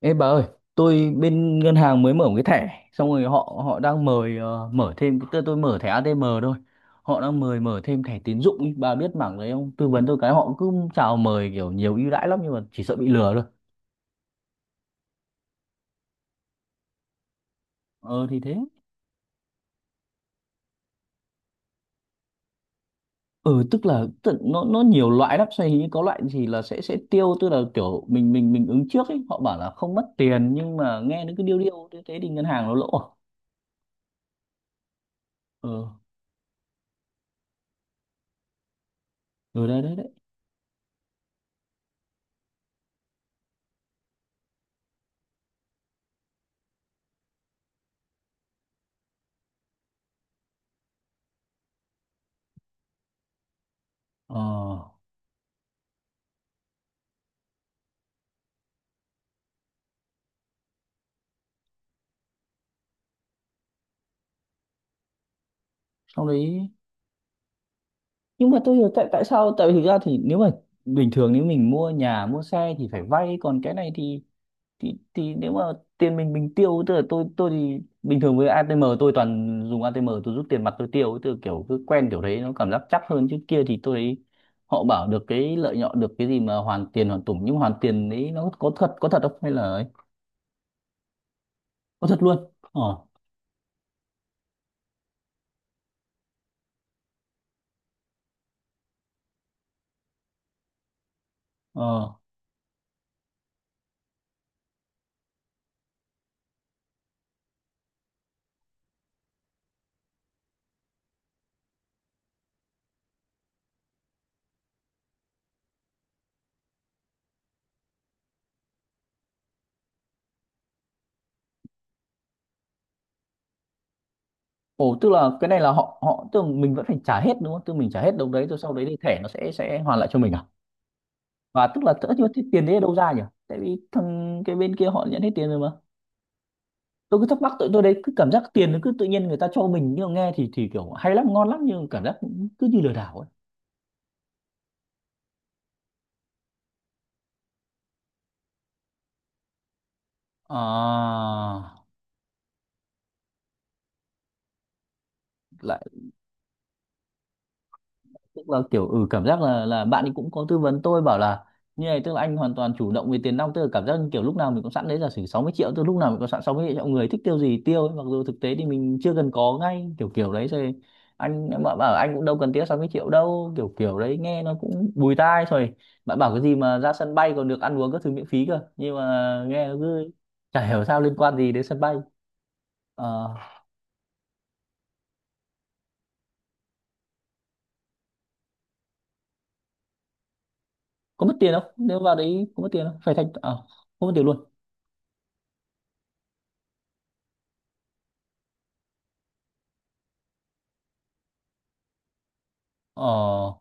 Ê bà ơi, tôi bên ngân hàng mới mở một cái thẻ, xong rồi họ họ đang mời mở thêm tôi mở thẻ ATM thôi. Họ đang mời mở thêm thẻ tín dụng ý. Bà biết mảng đấy không? Tư vấn tôi cái họ cứ chào mời kiểu nhiều ưu đãi lắm nhưng mà chỉ sợ bị lừa thôi. Ờ thì thế. Ừ, nó nhiều loại lắm, xoay hình như có loại gì là sẽ tiêu, tức là kiểu mình ứng trước ấy, họ bảo là không mất tiền nhưng mà nghe nó cứ điêu điêu, thế thế thì ngân hàng nó lỗ à? Ờ. Ừ, đấy đấy đấy. Ờ, xong đấy nhưng mà tôi hiểu, tại tại sao, tại vì thực ra thì nếu mà bình thường nếu mình mua nhà mua xe thì phải vay, còn cái này thì thì nếu mà tiền mình tiêu, tức là tôi thì bình thường với ATM tôi toàn dùng ATM, tôi rút tiền mặt tôi tiêu, từ kiểu cứ quen kiểu đấy nó cảm giác chắc hơn, chứ kia thì tôi thấy họ bảo được cái lợi nhuận, được cái gì mà hoàn tiền hoàn tủng, nhưng mà hoàn tiền đấy nó có thật, có thật không hay là ấy? Có thật luôn ờ. Ờ. Ồ, tức là cái này là họ họ tức là mình vẫn phải trả hết đúng không? Tức là mình trả hết đồng đấy rồi sau đấy thì thẻ nó sẽ hoàn lại cho mình à? Và tức là tất nhiên cái tiền đấy ở đâu ra nhỉ? Tại vì thằng cái bên kia họ nhận hết tiền rồi mà. Tôi cứ thắc mắc tụi tôi đấy cứ cảm giác tiền nó cứ tự nhiên người ta cho mình, nhưng mà nghe thì kiểu hay lắm ngon lắm, nhưng cảm giác cũng cứ như lừa đảo ấy. À, lại tức là kiểu ừ, cảm giác là bạn ấy cũng có tư vấn tôi, bảo là như này tức là anh hoàn toàn chủ động về tiền nong, tức là cảm giác như kiểu lúc nào mình cũng sẵn đấy, giả sử 60 triệu, tức là lúc nào mình cũng sẵn 60 triệu, người thích tiêu gì tiêu ấy. Mặc dù thực tế thì mình chưa cần có ngay, kiểu kiểu đấy rồi anh em bạn bảo anh cũng đâu cần tiêu 60 triệu đâu, kiểu kiểu đấy nghe nó cũng bùi tai rồi. Bạn bảo cái gì mà ra sân bay còn được ăn uống các thứ miễn phí cơ, nhưng mà nghe nó cứ chả hiểu sao liên quan gì đến sân bay. Ờ, có mất tiền không, nếu vào đấy có mất tiền không phải thanh không mất tiền luôn? Ờ.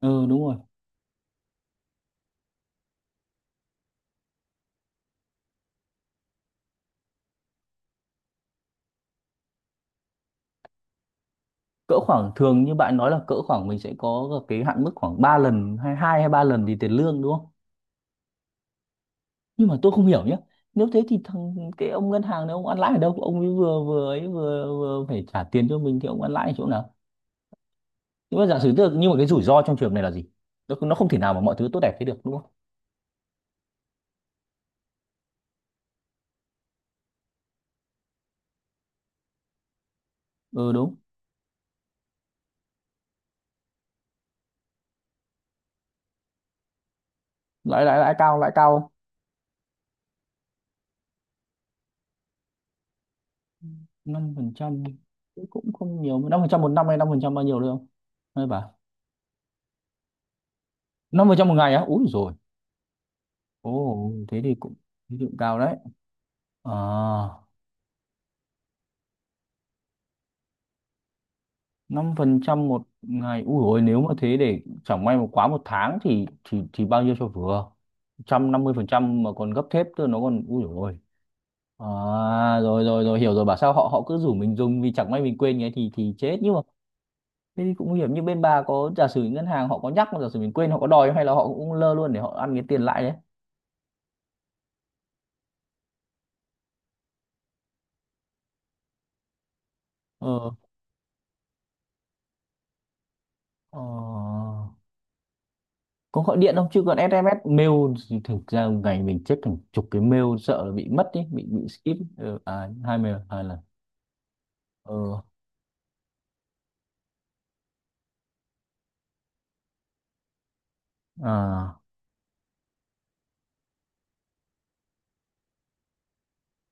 Ừ đúng rồi, cỡ khoảng, thường như bạn nói là cỡ khoảng mình sẽ có cái hạn mức khoảng 3 lần, hay hai hay ba lần thì tiền lương đúng không? Nhưng mà tôi không hiểu nhé, nếu thế thì thằng cái ông ngân hàng này ông ăn lãi ở đâu, ông ấy vừa phải trả tiền cho mình thì ông ăn lãi ở chỗ nào? Nhưng mà giả sử tức là- nhưng mà cái rủi ro trong trường này là gì? Nó không thể nào mà mọi thứ tốt đẹp thế được đúng không? Ừ đúng. Lãi lãi lãi cao, lãi cao. Năm phần trăm cũng không nhiều, năm phần trăm một năm hay năm phần trăm, bao nhiêu được không hay bà? Năm phần trăm một ngày á, úi rồi. Ồ thế thì cũng, thế thì cũng cao đấy. À, năm phần trăm một ngày. Ui dồi, ôi, nếu mà thế để chẳng may mà quá một tháng thì thì bao nhiêu cho vừa? Trăm năm mươi phần trăm mà còn gấp thép cơ, nó còn ui dồi ôi. À, rồi rồi rồi hiểu rồi, bảo sao họ họ cứ rủ mình dùng, vì chẳng may mình quên cái thì chết, nhưng mà thế thì cũng nguy hiểm. Như bên bà có giả sử ngân hàng họ có nhắc, mà giả sử mình quên họ có đòi không? Hay là họ cũng lơ luôn để họ ăn cái tiền lãi đấy. Ờ. Ờ. Có gọi điện không, chứ còn SMS mail thì thực ra một ngày mình check hàng chục cái mail, sợ là bị mất ý, bị skip. Ừ, à, hai mail hai lần. Ừ, à,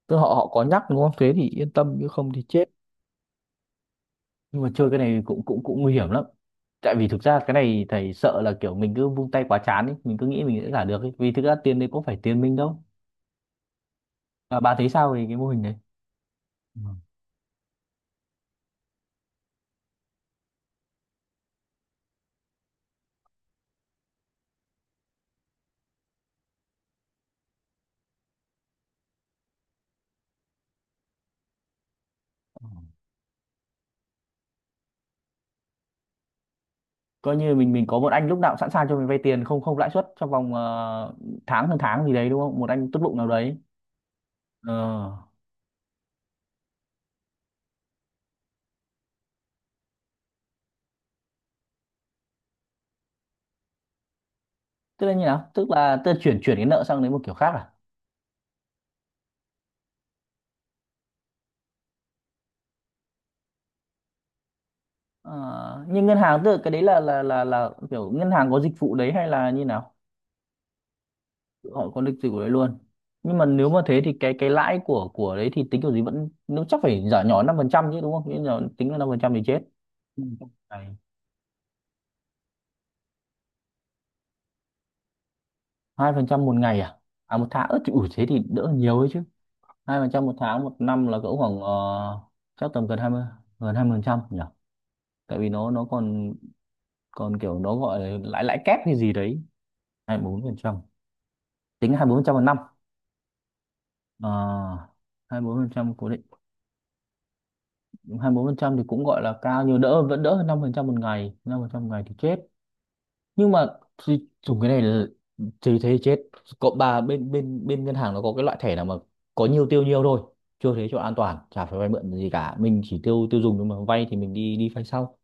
tức họ họ có nhắc đúng không, thế thì yên tâm chứ không thì chết. Nhưng mà chơi cái này cũng cũng cũng nguy hiểm lắm, tại vì thực ra cái này thầy sợ là kiểu mình cứ vung tay quá chán ý, mình cứ nghĩ mình sẽ giả được ấy, vì thực ra tiền đấy có phải tiền mình đâu. Và bà thấy sao về cái mô hình đấy? Ừ. Coi như mình có một anh lúc nào cũng sẵn sàng cho mình vay tiền không không lãi suất trong vòng tháng hơn tháng gì đấy đúng không, một anh tốt bụng nào đấy. Ờ, tức là như nào, tức là tôi chuyển chuyển cái nợ sang đến một kiểu khác à? Ờ, nhưng ngân hàng tức là cái đấy là là kiểu ngân hàng có dịch vụ đấy hay là như nào? Họ có dịch dịch vụ đấy luôn. Nhưng mà nếu mà thế thì cái lãi của đấy thì tính kiểu gì, vẫn nếu chắc phải giả nhỏ năm phần trăm chứ đúng không? Nếu nhỏ tính là năm phần trăm thì chết. Ừ. Này, hai phần trăm một ngày à? À một tháng, ớt thì ủi, thế thì đỡ nhiều ấy chứ. Hai phần trăm một tháng, một năm là cỡ khoảng chắc tầm gần hai mươi, gần hai mươi phần trăm nhỉ. Tại vì nó còn, còn kiểu nó gọi là lãi lãi kép hay gì đấy. Hai mươi bốn phần trăm, tính hai mươi bốn phần trăm một năm. Ờ, hai mươi bốn phần trăm cố định. Hai mươi bốn phần trăm thì cũng gọi là cao, nhưng đỡ, vẫn đỡ hơn 5% một ngày. 5% một ngày thì chết. Nhưng mà thì dùng cái này là- thì thế chết. Cộng bà, bên bên bên ngân hàng nó có cái loại thẻ nào mà có nhiều tiêu nhiều thôi, chưa thế cho an toàn, chả phải vay mượn gì cả, mình chỉ tiêu tiêu dùng, nhưng mà vay thì mình đi đi vay sau.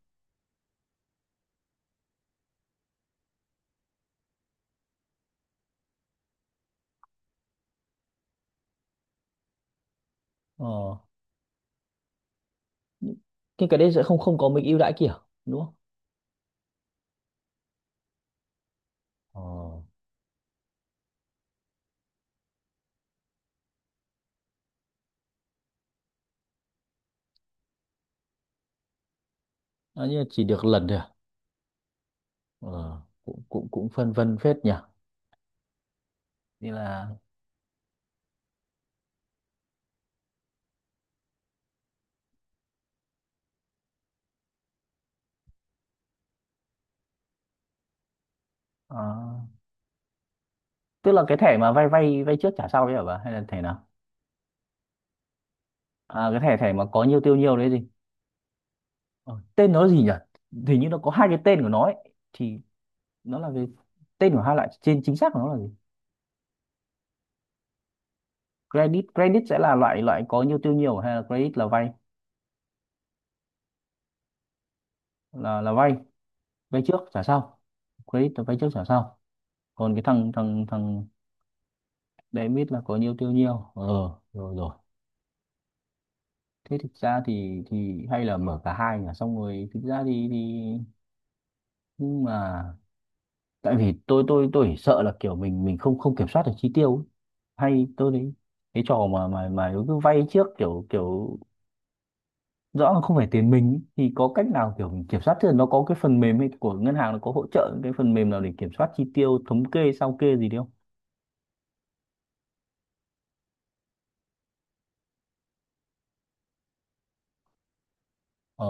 Ờ, nhưng cái đấy sẽ không không có mấy ưu đãi kiểu, đúng không? Ờ, à, nhưng mà chỉ được lần thôi à? Ờ, cũng cũng cũng phân vân phết nhỉ. Thế là, à, tức là cái thẻ mà vay vay vay trước trả sau đấy hả bà, hay là thẻ nào, à, cái thẻ thẻ mà có nhiều tiêu nhiều đấy gì. Ờ, tên nó là gì nhỉ, hình như nó có hai cái tên của nó ấy, thì nó là về tên của hai loại trên, chính xác của nó là gì? Credit, credit sẽ là loại, loại có nhiều tiêu nhiều hay là credit là vay, là vay vay trước trả sau? Credit là vay trước trả sau, còn cái thằng thằng thằng debit là có nhiều tiêu nhiều ờ, rồi rồi. Thế thực ra thì hay là mở cả hai nhỉ, xong rồi thực ra thì, nhưng mà tại vì tôi tôi chỉ sợ là kiểu mình không không kiểm soát được chi tiêu ấy. Hay tôi đấy, cái trò mà mà cứ vay trước kiểu kiểu rõ là không phải tiền mình ấy. Thì có cách nào kiểu mình kiểm soát tiền, nó có cái phần mềm hay của ngân hàng nó có hỗ trợ những cái phần mềm nào để kiểm soát chi tiêu, thống kê sao kê gì đấy không? Ờ.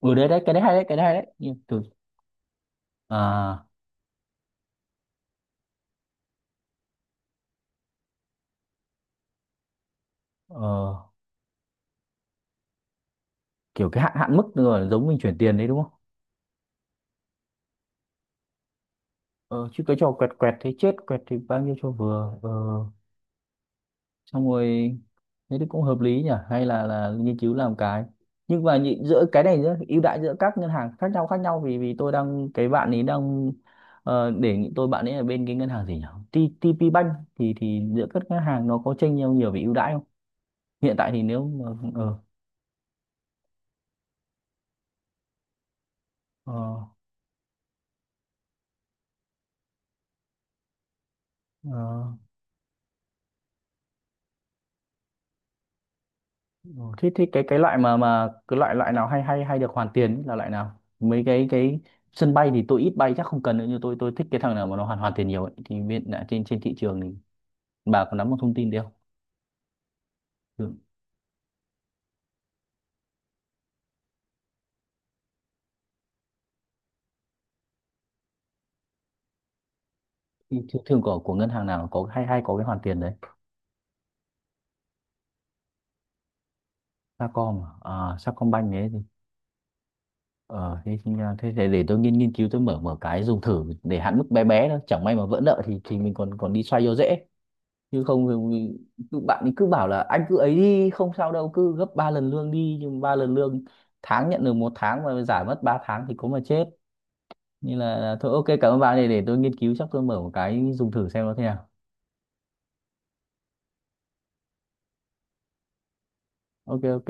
Ừ đấy đấy, cái đấy hay đấy, cái đấy hay đấy. Nhưng từ, à, ờ, kiểu cái hạn hạn mức rồi, giống mình chuyển tiền đấy đúng không? Ờ chứ cái trò quẹt quẹt thế chết, quẹt thì bao nhiêu cho vừa, ờ. Xong rồi, thế thì cũng hợp lý nhỉ, hay là nghiên cứu làm cái, nhưng mà nhị- giữa cái này giữa ưu đãi giữa các ngân hàng khác nhau, khác nhau vì vì tôi đang cái bạn ấy đang đề nghị tôi, bạn ấy ở bên cái ngân hàng gì nhỉ, T- TP Bank, thì giữa các ngân hàng nó có chênh nhau nhiều về ưu đãi không? Hiện tại thì nếu mà ờ, ờ, ờ, ờ, thế thế cái loại mà cái loại, loại nào hay hay hay được hoàn tiền ấy, là loại nào mấy cái sân bay thì tôi ít bay chắc không cần nữa, nhưng tôi thích cái thằng nào mà nó hoàn hoàn tiền nhiều ấy. Thì hiện tại trên trên thị trường bà có nắm được thông tin đấy không? thường, Thường của ngân hàng nào có hay hay có cái hoàn tiền đấy? Sacom à, Sacombank đấy gì? Ờ thế, thì- à, thế để tôi nghiên nghiên cứu tôi mở, mở cái dùng thử để hạn mức bé bé thôi, chẳng may mà vỡ nợ thì mình còn còn đi xoay vô dễ, chứ không thì- cứ- bạn ấy cứ bảo là anh cứ ấy đi không sao đâu, cứ gấp 3 lần lương đi, nhưng ba lần lương tháng nhận được một tháng mà giải mất 3 tháng thì có mà chết, nên là thôi ok cảm ơn bạn, để tôi nghiên cứu chắc tôi mở một cái dùng thử xem nó thế nào. Ok ok.